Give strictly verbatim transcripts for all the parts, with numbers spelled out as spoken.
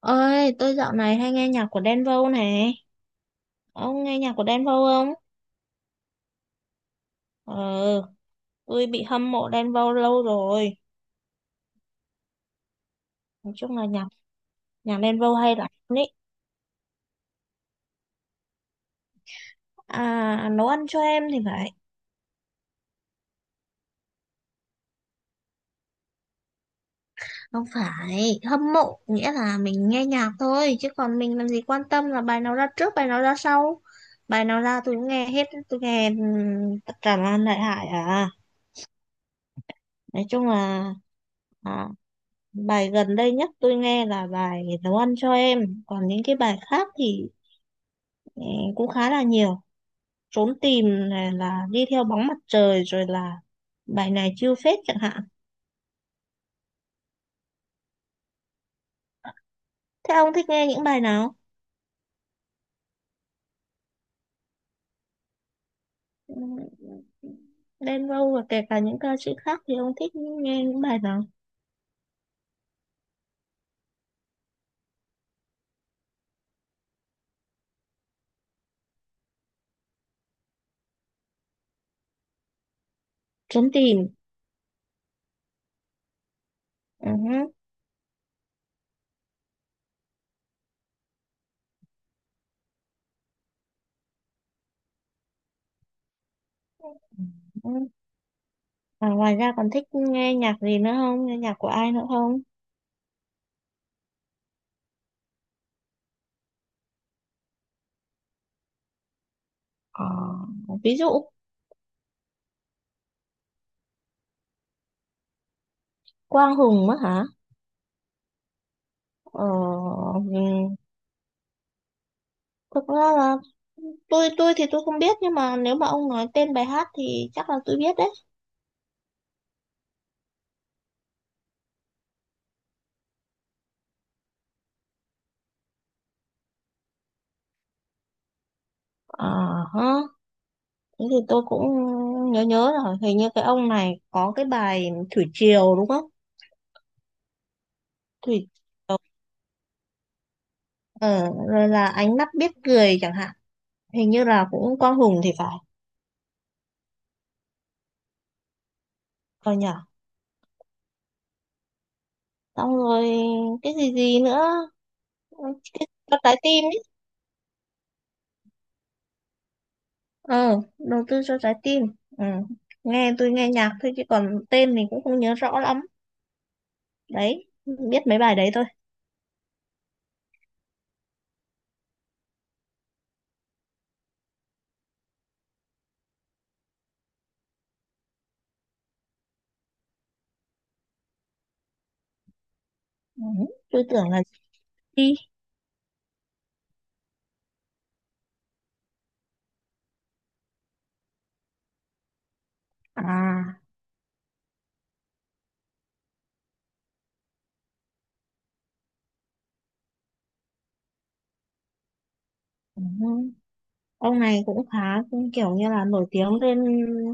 Ơi, tôi dạo này hay nghe nhạc của Đen Vâu này. Ông nghe nhạc của Đen Vâu không? Ờ, tôi bị hâm mộ Đen Vâu lâu rồi. Nói chung là nhạc nhạc Đen Vâu hay lắm ý. À, nấu ăn cho em thì phải. Không phải, hâm mộ nghĩa là mình nghe nhạc thôi, chứ còn mình làm gì quan tâm là bài nào ra trước, bài nào ra sau. Bài nào ra tôi cũng nghe hết, tôi nghe ừm, tất cả là đại hải à. Nói chung là à, bài gần đây nhất tôi nghe là bài nấu ăn cho em, còn những cái bài khác thì ừ, cũng khá là nhiều. Trốn tìm này, là đi theo bóng mặt trời, rồi là bài này chiêu phết chẳng hạn. Thế ông thích nghe những bài nào? Ừ, Đen Vâu và kể cả những ca sĩ khác thì ông thích nghe những bài nào? Trốn tìm. Ừ. Ừ. Và ngoài ra còn thích nghe nhạc gì nữa không, nghe nhạc của ai nữa không? Ờ, ví dụ. Quang Hùng á hả? Ờ, ừ. Thực ra là tôi tôi thì tôi không biết, nhưng mà nếu mà ông nói tên bài hát thì chắc là tôi biết đấy. À ha, thế thì tôi cũng nhớ nhớ rồi. Hình như cái ông này có cái bài Thủy Triều đúng không? Thủy Triều. Ờ, rồi là ánh mắt biết cười chẳng hạn. Hình như là cũng Quang Hùng thì phải. Còn nhở. Xong rồi cái gì gì nữa? Cái cho trái tim ấy. Ờ, đầu tư cho trái tim. Ừ. Nghe, tôi nghe nhạc thôi chứ còn tên mình cũng không nhớ rõ lắm. Đấy, biết mấy bài đấy thôi. Ừ, tôi tưởng là chị Ly. À, ừ. Ông này cũng khá kiểu như là nổi tiếng lên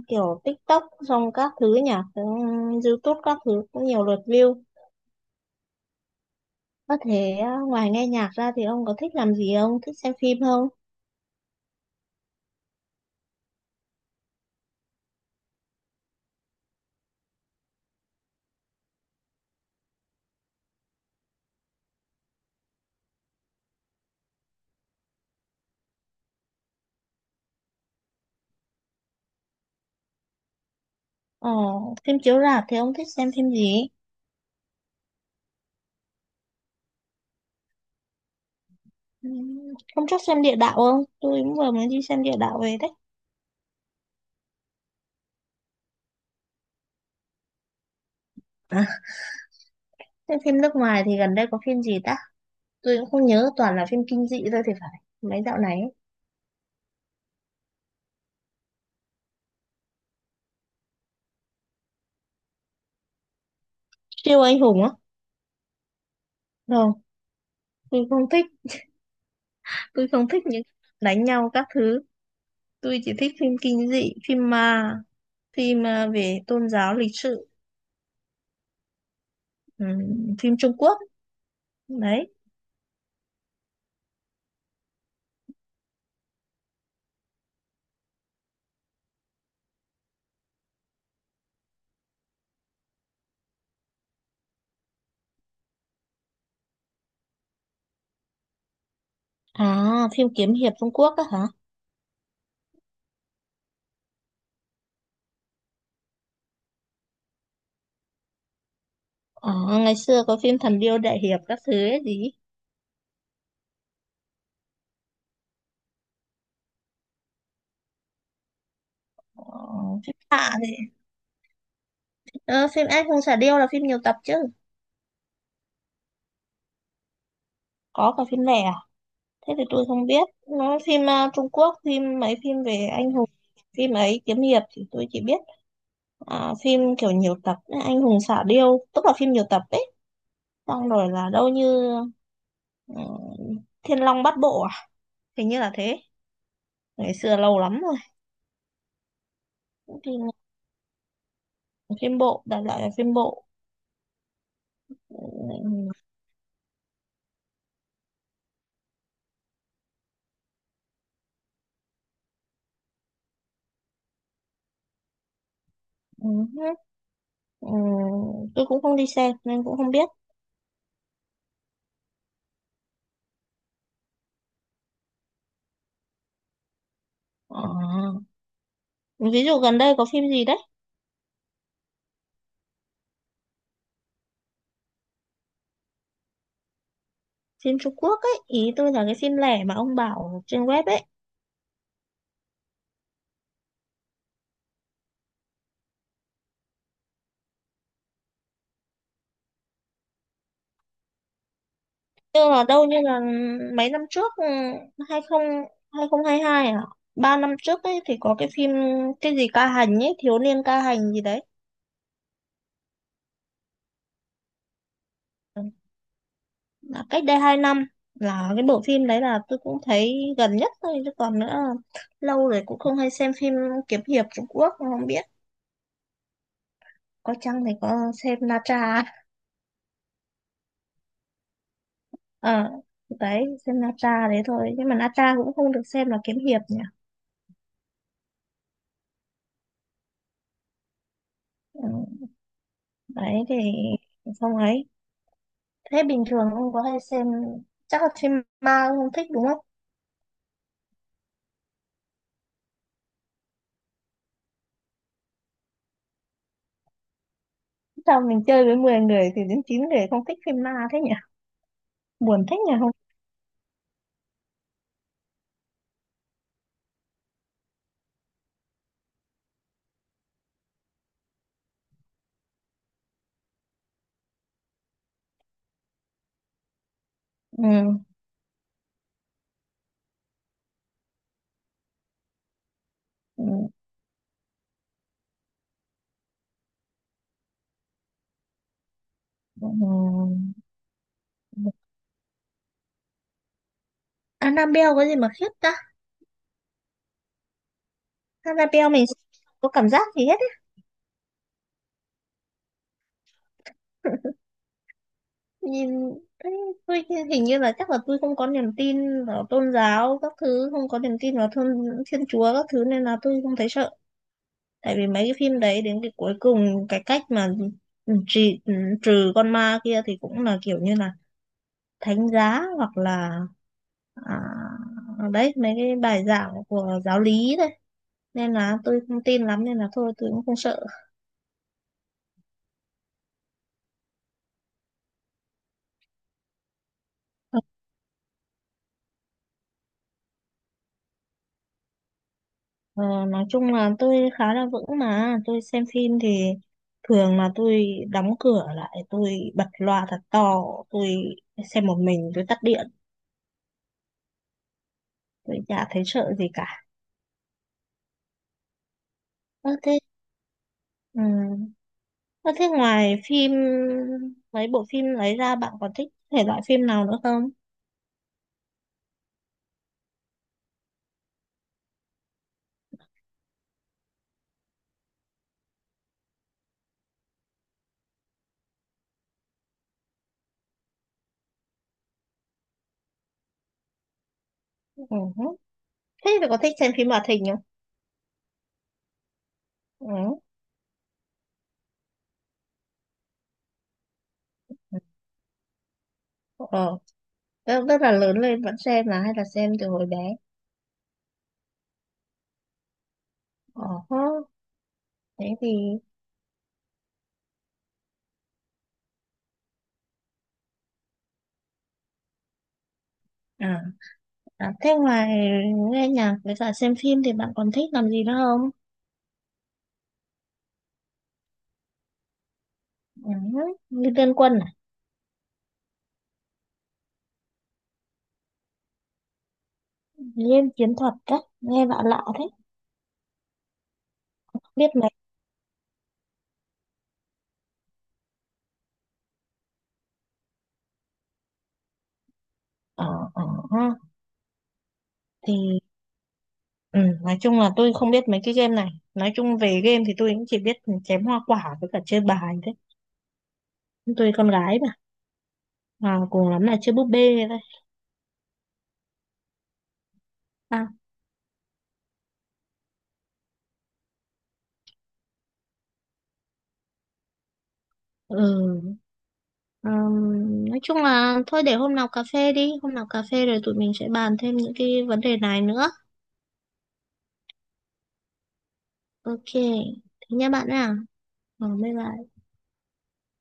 kiểu TikTok xong các thứ nhỉ, ừ, YouTube các thứ cũng nhiều lượt view. Có thể à, ngoài nghe nhạc ra thì ông có thích làm gì không, thích xem phim không? Ờ, phim chiếu rạp thì ông thích xem phim gì? Ừ, hôm trước xem địa đạo không, tôi cũng vừa mới đi xem địa đạo về đấy. À, xem phim nước ngoài thì gần đây có phim gì ta. Tôi cũng không nhớ, toàn là phim kinh dị thôi thì phải, mấy dạo này ấy. Siêu anh hùng á? Rồi, tôi không thích. Tôi không thích những đánh nhau các thứ. Tôi chỉ thích phim kinh dị, phim ma, phim à, về tôn giáo, lịch sử, ừm, phim Trung Quốc. Đấy. À, phim kiếm hiệp Trung Quốc á hả? À, ngày xưa có phim thần điêu đại hiệp các thứ ấy gì. Ờ, phim tạ thì ờ, phim anh hùng xạ điêu là phim nhiều tập chứ. Có cả phim lẻ à? Thế thì tôi không biết. Nó phim à, Trung Quốc, phim mấy phim về anh hùng, phim ấy, kiếm hiệp thì tôi chỉ biết à, phim kiểu nhiều tập ấy. Anh hùng xạ điêu tức là phim nhiều tập ấy, xong rồi là đâu như ừ, Thiên Long Bát Bộ à, hình như là thế, ngày xưa lâu lắm rồi. Phim, phim bộ, đại loại là phim bộ. Ừ, ừ, ừ, ừ. Tôi cũng không đi xem nên cũng không biết. Ờ, ví dụ gần đây có phim gì đấy. Phim Trung Quốc ấy, ý tôi là cái phim lẻ mà ông bảo trên web ấy. Như là đâu như là mấy năm trước ừ, hai mươi hai không hai hai à? Ba năm trước ấy thì có cái phim cái gì ca hành ấy, thiếu niên ca hành gì đấy. Là cách đây hai năm, là cái bộ phim đấy là tôi cũng thấy gần nhất thôi chứ còn nữa lâu rồi cũng không hay xem phim kiếm hiệp Trung Quốc không biết. Có chăng thì có xem Na Tra. Ờ, đấy, xem Na Tra đấy thôi, nhưng mà Na Tra cũng không được xem là kiếm hiệp nhỉ. Ừ, đấy thì không ấy. Thế bình thường ông có hay xem, chắc là phim ma ông không thích đúng không? Sao mình chơi với mười người thì đến chín người không thích phim ma thế nhỉ? Buồn thế nhỉ, không? Ừ. Ừ, ừ. Ừ. Annabelle có gì mà khiếp ta? Annabelle mình có cảm giác gì hết ấy. Nhìn thấy tôi, hình như là chắc là tôi không có niềm tin vào tôn giáo các thứ, không có niềm tin vào thiên, thiên chúa các thứ nên là tôi không thấy sợ. Tại vì mấy cái phim đấy đến cái cuối cùng, cái cách mà trừ, trừ con ma kia thì cũng là kiểu như là thánh giá hoặc là à, đấy, mấy cái bài giảng của giáo lý đấy, nên là tôi không tin lắm nên là thôi tôi cũng không sợ. Ờ, nói chung là tôi khá là vững, mà tôi xem phim thì thường là tôi đóng cửa lại, tôi bật loa thật to, tôi xem một mình, tôi tắt điện, tôi chả thấy sợ gì cả. Ơ thế, ừ, ơ, thế ngoài phim, mấy bộ phim lấy ra bạn còn thích thể loại phim nào nữa không? Ừ. Thế thì có thích xem phim hoạt hình không? Ừ. Ờ. Tức tức là lớn lên vẫn xem là hay là xem từ hồi bé? Ờ. Hớ. Thế thì à, à thế ngoài nghe nhạc với cả xem phim thì bạn còn thích làm gì nữa không? Ừ. Như Liên Quân à? Liên Chiến Thuật á, nghe lạ lạ thế. Biết mấy ờ ờ ha. Thì ừ, nói chung là tôi không biết mấy cái game này. Nói chung về game thì tôi cũng chỉ biết chém hoa quả với cả chơi bài thế. Tôi con gái mà. À, cùng lắm là chơi búp bê thôi. À, ừ. Ừm, nói chung là thôi để hôm nào cà phê đi. Hôm nào cà phê rồi tụi mình sẽ bàn thêm những cái vấn đề này nữa. Ok. Thế nha bạn à. Ờ, bye bye.